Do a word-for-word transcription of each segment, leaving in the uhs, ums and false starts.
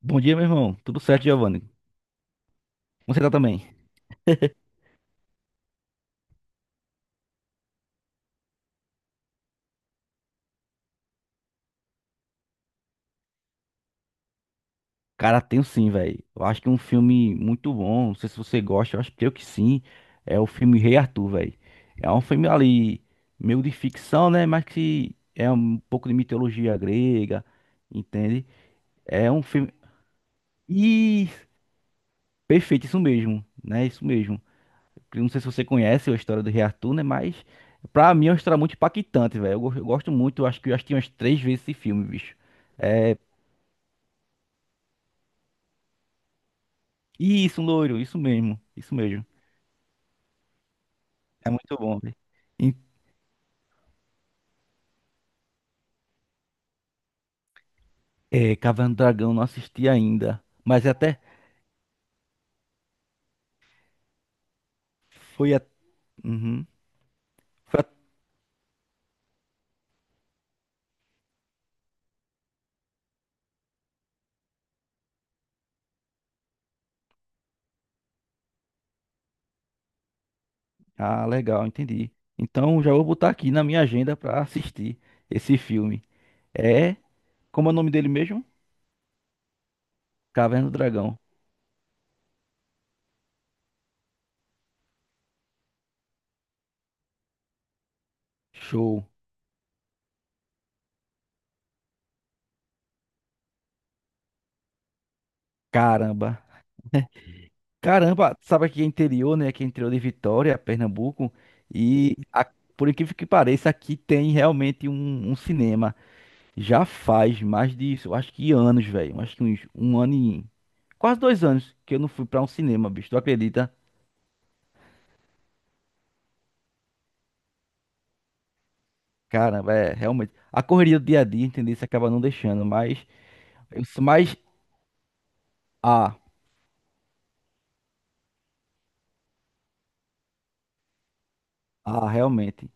Bom dia, meu irmão. Tudo certo, Giovanni? Como você tá também? Cara, tenho sim, velho. Eu acho que é um filme muito bom. Não sei se você gosta, eu acho que eu que sim. É o filme Rei Arthur, velho. É um filme ali, meio de ficção, né? Mas que é um pouco de mitologia grega, entende? É um filme. E perfeito, isso mesmo, né? Isso mesmo. Eu Não sei se você conhece a história do Rei Arthur, né? Mas pra mim é uma história muito impactante, velho. Eu go- eu gosto muito, eu acho que eu assisti umas três vezes esse filme, bicho. Isso, um loiro, isso mesmo, isso mesmo. É muito bom, velho. Em- É, Caverna do Dragão não assisti ainda, mas até foi a... uhum, foi a- ah, legal, entendi. Então já vou botar aqui na minha agenda pra assistir esse filme. É, como é o nome dele mesmo? Caverna do Dragão. Show. Caramba. Caramba, sabe aqui é interior, né? Aqui é interior de Vitória, Pernambuco, e a- por incrível que pareça, aqui tem realmente um um cinema. Já faz mais disso, eu acho que anos, velho. Eu Acho que uns um ano e. Quase dois anos que eu não fui pra um cinema, bicho. Tu acredita? Cara, é realmente. A correria do dia a dia, entendeu? Você acaba não deixando, mas. Eu sou mais. Ah, ah, realmente.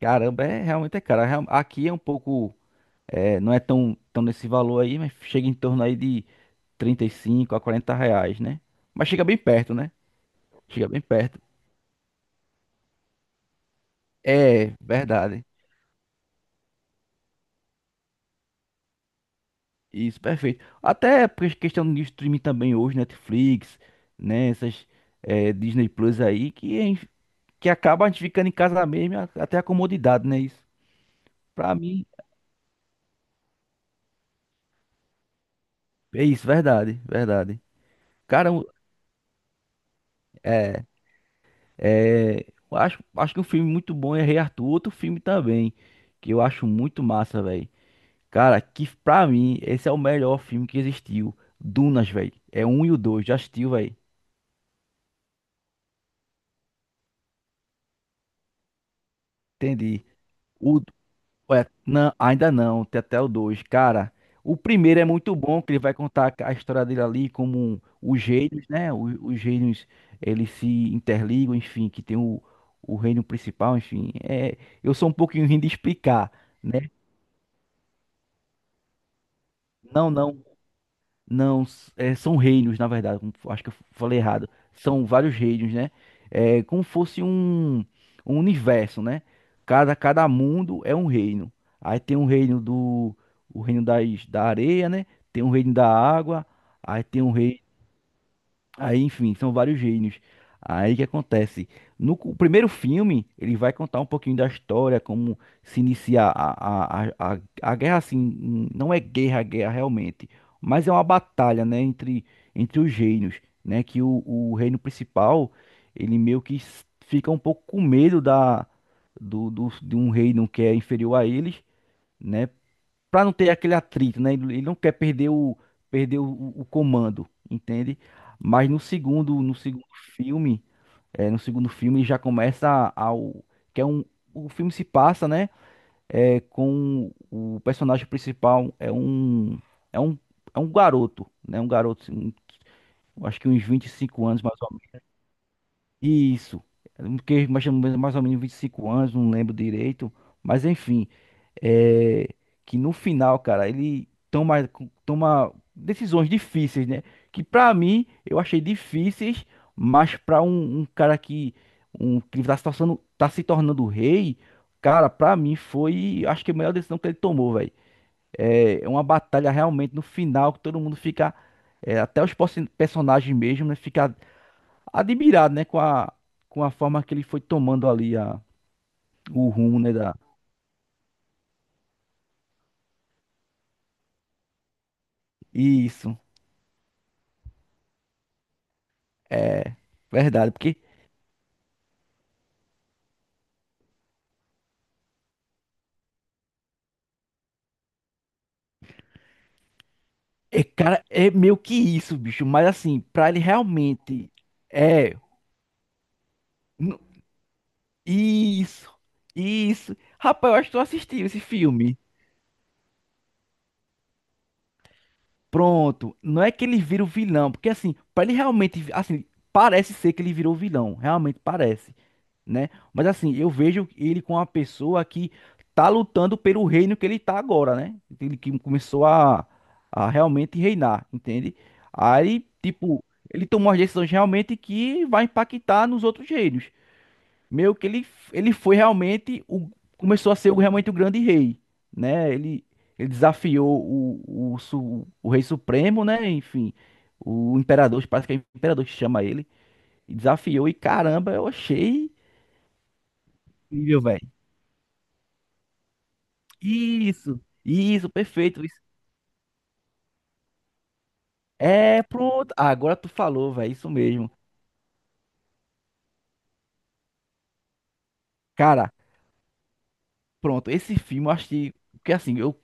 Caramba, é realmente é cara. Real- Aqui é um pouco. É, não é tão, tão nesse valor aí, mas chega em torno aí de trinta e cinco a quarenta reais, né? Mas chega bem perto, né? Chega bem perto. É, verdade. Isso, perfeito. Até por questão de streaming também hoje, Netflix, né? Essas eh, Disney Plus aí, que, a gente- que acaba a gente ficando em casa mesmo, a- até a comodidade, né? Isso. Pra mim, é isso, verdade, verdade. Cara, eu- eh, eu acho, acho que um filme muito bom é Rei Arthur, outro filme também, que eu acho muito massa, velho. Cara, que pra mim, esse é o melhor filme que existiu. Dunas, velho. É um e o dois, já assistiu, velho. Entendi. Ué, não, ainda não, tem até o dois. Cara, o primeiro é muito bom, que ele vai contar a história dele ali, como os gênios, né? Os, os gênios, eles se interligam, enfim, que tem o, o reino principal, enfim. É, eu sou um pouquinho ruim de explicar, né? Não, não. Não, s- é, são reinos, na verdade. como- f- Acho que eu f- falei errado. São vários reinos, né? É como fosse um, um universo, né? Cada, cada mundo é um reino. Aí tem um reino do, o reino das, da areia, né? Tem um reino da água. Aí tem um reino. Aí, enfim, são vários gênios. Aí o que acontece? No cu- primeiro filme, ele vai contar um pouquinho da história, como se inicia a, a, a, a, a guerra, assim, hum, não é guerra, é guerra realmente, mas é uma batalha, né, entre, entre os gênios, né, que o, o reino principal, ele meio que s- fica um pouco com medo da, do, do, de um reino que é inferior a eles, né, para não ter aquele atrito, né? Ele ele não quer perder o, perder o, o- o comando, entende? Mas no segundo, no segundo filme, é, no segundo filme ele já começa ao que é um o filme se passa, né? É, com o personagem principal é um é um é um garoto, né? Um garoto, assim, um- acho que uns vinte e cinco anos mais ou isso, porque mais ou menos mais ou menos vinte e cinco anos, não lembro direito, mas enfim, é, que no final, cara, ele toma, toma decisões difíceis, né? Que pra mim eu achei difíceis, mas pra um, um cara que, um, que tá se tornando, tá se tornando rei, cara, pra mim foi, acho que a melhor decisão que ele tomou, velho. É é uma batalha realmente no final que todo mundo fica, é, até os perso- personagens mesmo, né? Fica admirado, né, com a, com a forma que ele foi tomando ali a, o rumo, né, da... Isso, verdade, porque é, cara, é meio que isso, bicho, mas assim, pra ele realmente é n- isso, isso. Rapaz, eu acho que eu assisti esse filme. Pronto, não é que ele vira o vilão, porque assim, pra ele realmente, assim, parece ser que ele virou o vilão, realmente parece. Né? Mas assim, eu vejo ele com uma pessoa que tá lutando pelo reino que ele tá agora, né? Ele que começou a, a realmente reinar, entende? Aí, tipo, ele tomou as decisões realmente que vai impactar nos outros reinos. Meio que ele, ele foi realmente o, começou a ser o- realmente o grande rei, né? Ele, ele desafiou o, o, su- o rei supremo, né? Enfim, o imperador, parece que é o imperador que chama ele, e desafiou e caramba, eu achei incrível, velho. Isso, isso, perfeito. Isso. É, pronto. Ah, agora tu falou, velho, isso mesmo. Cara, pronto, esse filme eu achei que assim, eu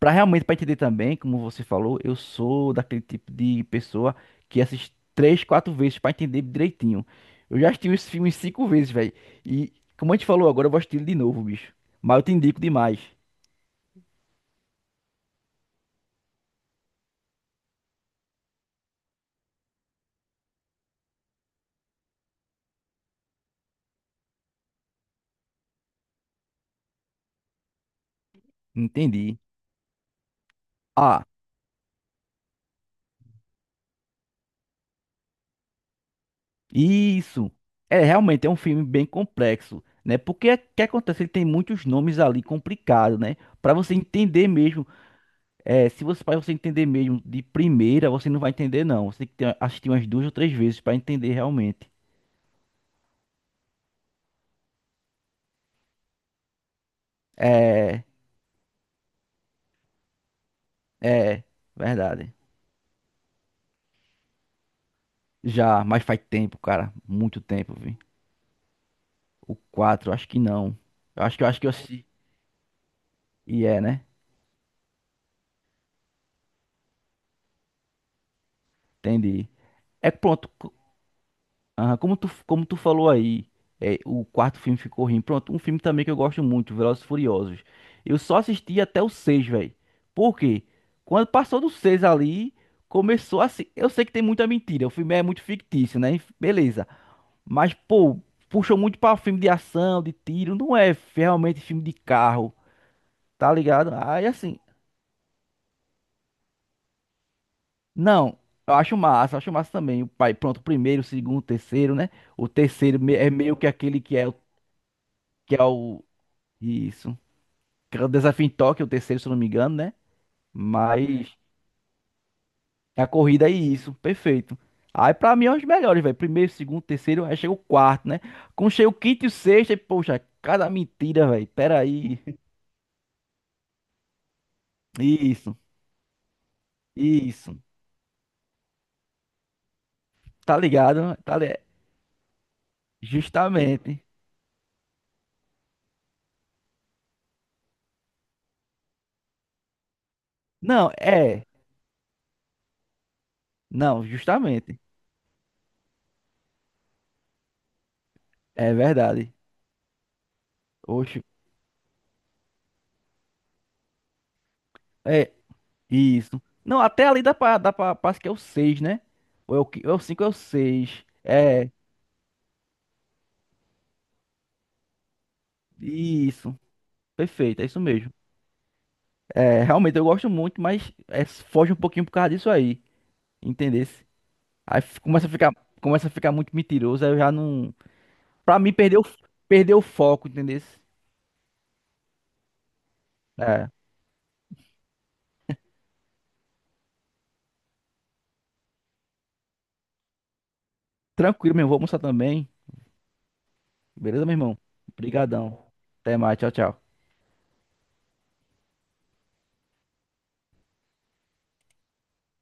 para realmente para entender também, como você falou, eu sou daquele tipo de pessoa que assiste três, quatro vezes para entender direitinho. Eu já assisti esse filme cinco vezes, velho. E como a gente falou agora, eu vou assistir ele de novo, bicho. Mas eu te indico demais. Entendi. Ah. Isso. É, realmente é um filme bem complexo, né? Porque o que acontece? Ele tem muitos nomes ali complicados, né? Para você entender mesmo, é, se você para você entender mesmo de primeira, você não vai entender não. Você tem que ter- assistir umas duas ou três vezes para entender realmente. É, é, verdade. Já, mas faz tempo, cara, muito tempo, vi. O quatro acho que não. Eu acho que eu acho que eu assisti e é, né? Entendi. É pronto. Aham, como tu, como tu falou aí, é, o quarto filme ficou ruim. Pronto, um filme também que eu gosto muito, Velozes e Furiosos. Eu só assisti até o seis, velho. Por quê? Quando passou do seis ali, começou assim. Eu sei que tem muita mentira, o filme é muito fictício, né? Beleza. Mas, pô, puxou muito pra filme de ação, de tiro. Não é realmente filme de carro, tá ligado? Aí assim, não. Eu acho massa, eu acho massa também. O pai, pronto, o primeiro, o segundo, o terceiro, né? O terceiro me- é meio que aquele que é o que é o, isso. Que era o desafio em Tóquio, o terceiro, se eu não me engano, né? Mas a corrida é isso, perfeito. Aí pra mim é os melhores, velho. Primeiro, segundo, terceiro, aí chega o quarto, né? Quando chega o quinto e o sexto, e, poxa, cada mentira, velho. Pera aí. Isso, isso. Tá ligado? Tá li... Justamente. Não, é. Não, justamente. É verdade. Oxe, é isso. Não, até ali dá pra, dá pra, parece que é o seis, né? Ou é o, qui- ou é o cinco, ou é o seis. É, isso. Perfeito, é isso mesmo. É, realmente eu gosto muito, mas é, foge um pouquinho por causa disso aí, entendesse? Aí f- começa a ficar, começa a ficar muito mentiroso, aí eu já não, pra mim perdeu, perdeu o foco, entendesse? Tranquilo, meu irmão, vou almoçar também. Beleza, meu irmão? Obrigadão. Até mais, tchau, tchau.